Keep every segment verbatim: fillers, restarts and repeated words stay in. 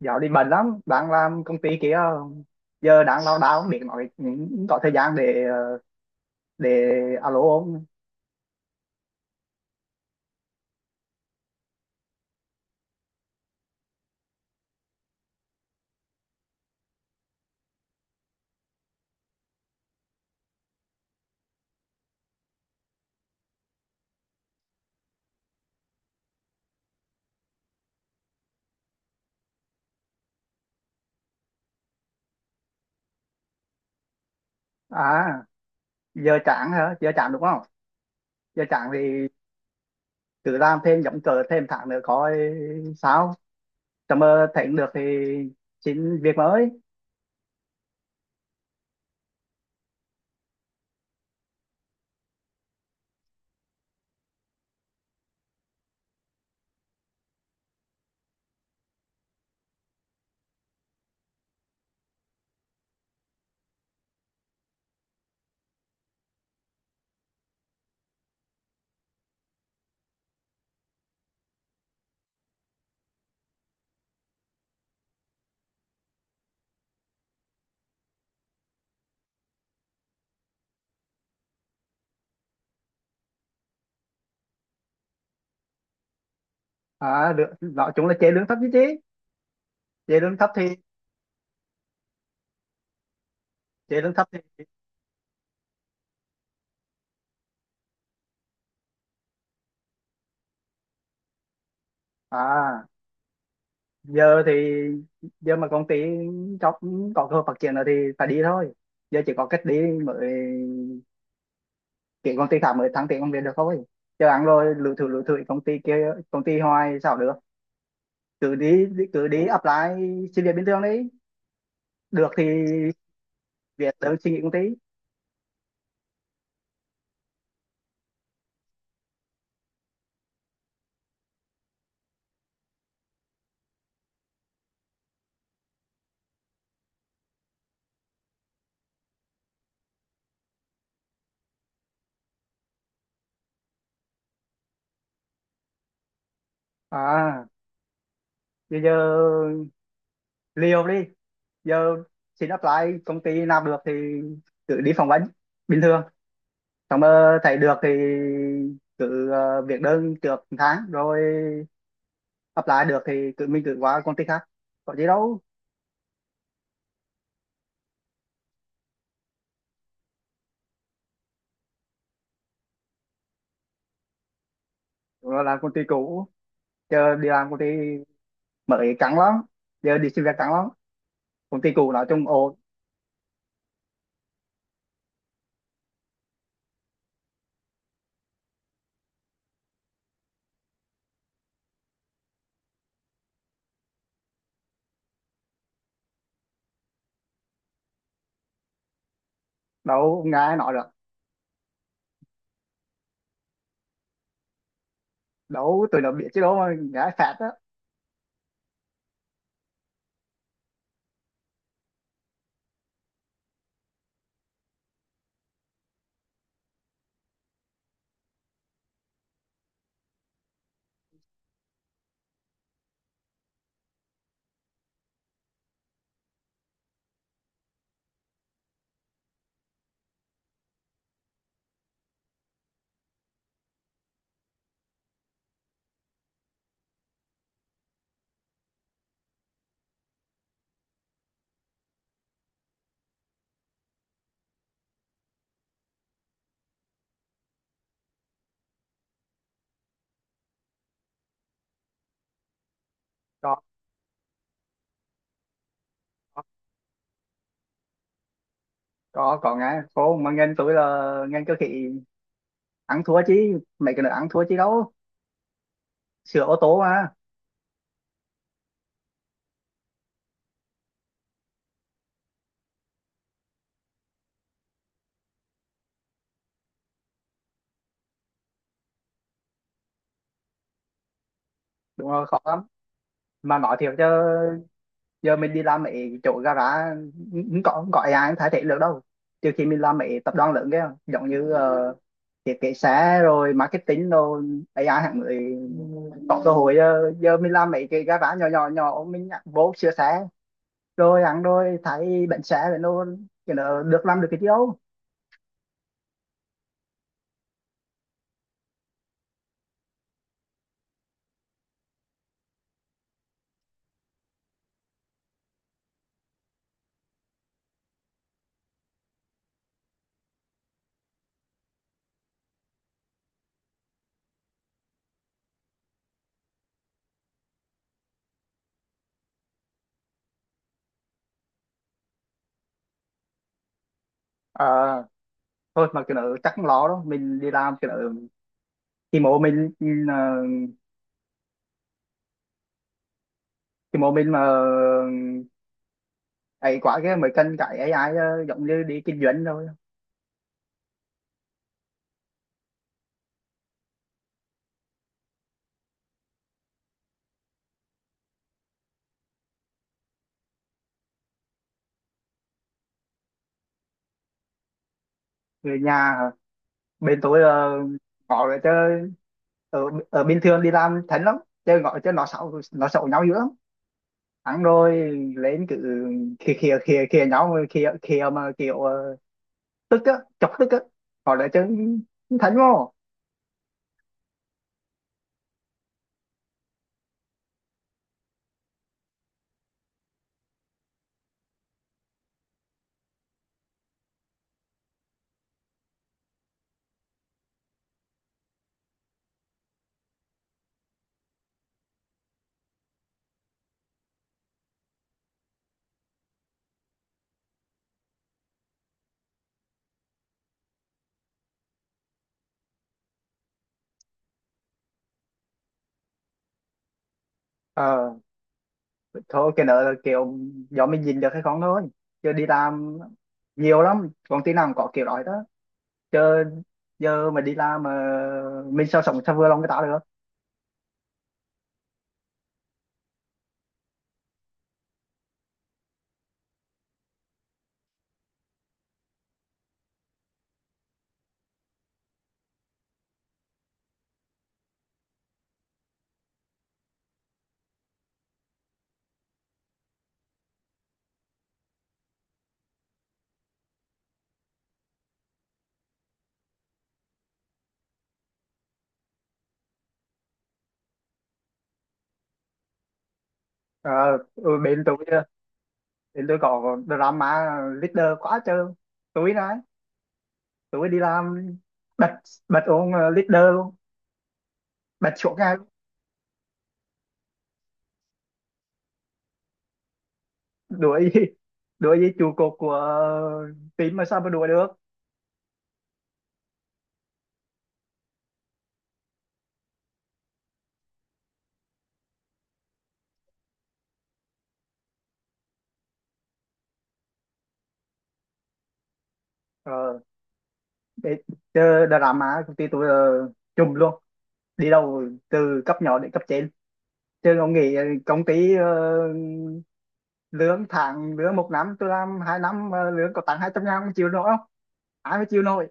Dạo đi bận lắm, đang làm công ty kia. Giờ đang lao đao không biết nói, có thời gian để ờ, để alo không. À, giờ chán hả? Giờ chán đúng không? Giờ chán thì cứ làm thêm giống cờ thêm tháng nữa coi sao, tầm mơ thấy không được thì xin việc mới. À được, nói chung là chế lương thấp chứ chứ chế lương thấp thì, chế lương thấp thì. À giờ thì, giờ mà công ty cho có cơ hội phát triển nữa thì phải đi thôi. Giờ chỉ có cách đi mới, tiếng công ty khác mới thăng tiền công việc được không ấy, chứ ăn rồi lủi thủi lủi thủi công ty kia, công ty hoài sao được. Cứ đi, cứ đi apply xin việc bình thường đấy, được thì việc đơn xin nghỉ công ty. À bây giờ liều đi, giờ xin apply công ty nào được thì cứ đi phỏng vấn bình thường, xong mà thấy được thì cứ ờ, việc đơn trước một tháng, rồi apply được thì cứ mình cứ qua công ty khác, có gì đâu. Rồi làm công ty cũ, chờ đi làm công ty Mỹ căng lắm, giờ đi xin việc căng lắm, công ty cũ nói chung ồ. Đâu, nghe nói được đâu, tụi nó biết chứ đâu mà nghe phạt á. Có, có có nghe, cô mà nghe tôi là nghe cơ khí ăn thua, chứ mấy cái nữa ăn thua chứ đâu, sửa ô tô mà. Đúng rồi, khó lắm. Mà nói thiệt chứ giờ mình đi làm mấy chỗ gara không có không có ai ai thay thế được đâu. Trừ khi mình làm mấy tập đoàn lớn kia giống như ờ, thiết kế xe rồi marketing rồi A I hạng người có cơ hội. Giờ, giờ mình làm mấy cái gara nhỏ nhỏ nhỏ mình nhặt vô sửa xe, rồi ăn rồi thấy bệnh xe rồi nó, cái nó được làm được cái gì đâu. Ờ, thôi mà cái nó chắc không lo đâu, mình đi làm cái nó thì mộ mình, ừ, ờ, thì mộ mình mà ấy quá cái mới cần cái A I, ờ, giống như đi kinh doanh rồi. Người nhà hả? Bên tôi ờ, có rồi chứ. Ở, ở bình thường đi làm thánh lắm, chơi gọi cho nó xấu, nó xấu nhau dữ lắm, ăn rồi lên cứ khịa khìa khìa khìa nhau, rồi khìa khịa mà kiểu ờ, tức á, chọc tức á, họ lại chứ, thánh vô. Ờ thôi cái nợ là kiểu do mình nhìn được hay không thôi, chứ đi làm nhiều lắm, công ty nào cũng có kiểu đó đó chứ. Giờ mà đi làm mà mình sao, sống sao vừa lòng người ta được. ờ ừ, bên tôi ờ, thì tôi có drama leader quá trời. Tối đấy, tối đi làm bật, bật ông leader luôn, bật chỗ ngay luôn. Đuổi? Đuổi với trụ cột của team mà sao mà đuổi được. Ờ để chơi drama, công ty tôi ờ, trùm luôn, đi đâu từ cấp nhỏ đến cấp trên. Chứ ông nghĩ công ty ờ, lương tháng, lương một năm, tôi làm hai năm mà lương có tặng hai trăm ngàn, không chịu nổi không? Ai mà chịu nổi.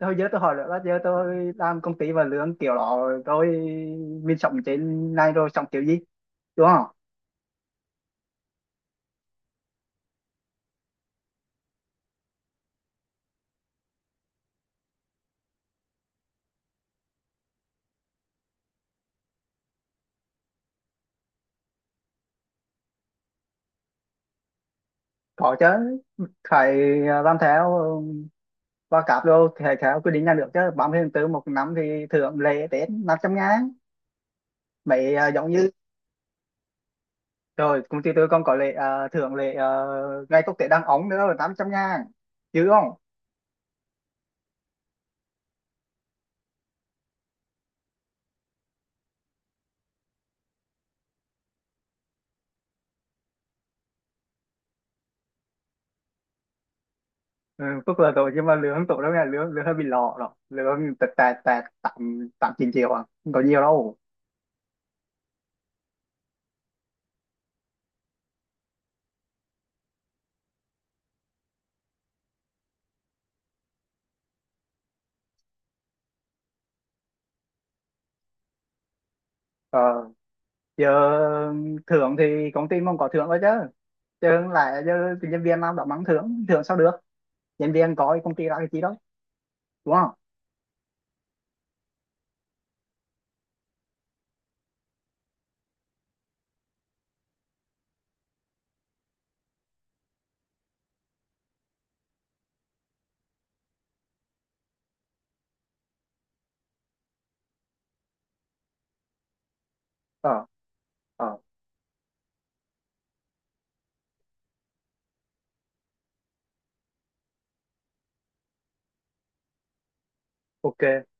Thôi giờ tôi hỏi nữa là giờ tôi làm công ty và lương kiểu đó, tôi mình sống trên này rồi sống kiểu gì, đúng không. Có chứ, phải. À, làm theo và cáp đâu thì phải theo quy định nhà nước chứ, ba mươi tháng bốn một năm thì thưởng lễ, Tết năm trăm ngàn mấy à, giống như. Rồi công ty tôi còn có lễ à, thưởng lễ à, ngày quốc tế đăng ống nữa là tám trăm ngàn chứ không. Ừ, phúc là rồi, nhưng mà lương tổ đâu nghe, lương lương hơi bị lọ rồi, lương tẹt tẹt tẹt tám, tám chín triệu à, không có nhiều đâu. Ờ, giờ thưởng thì công ty mong có thưởng thôi chứ, chứ không lẽ giờ nhân viên làm đó mắng thưởng thưởng sao được. Nhân viên có, công ty ra cái chi đó, đúng không. Ờ, ờ, ok.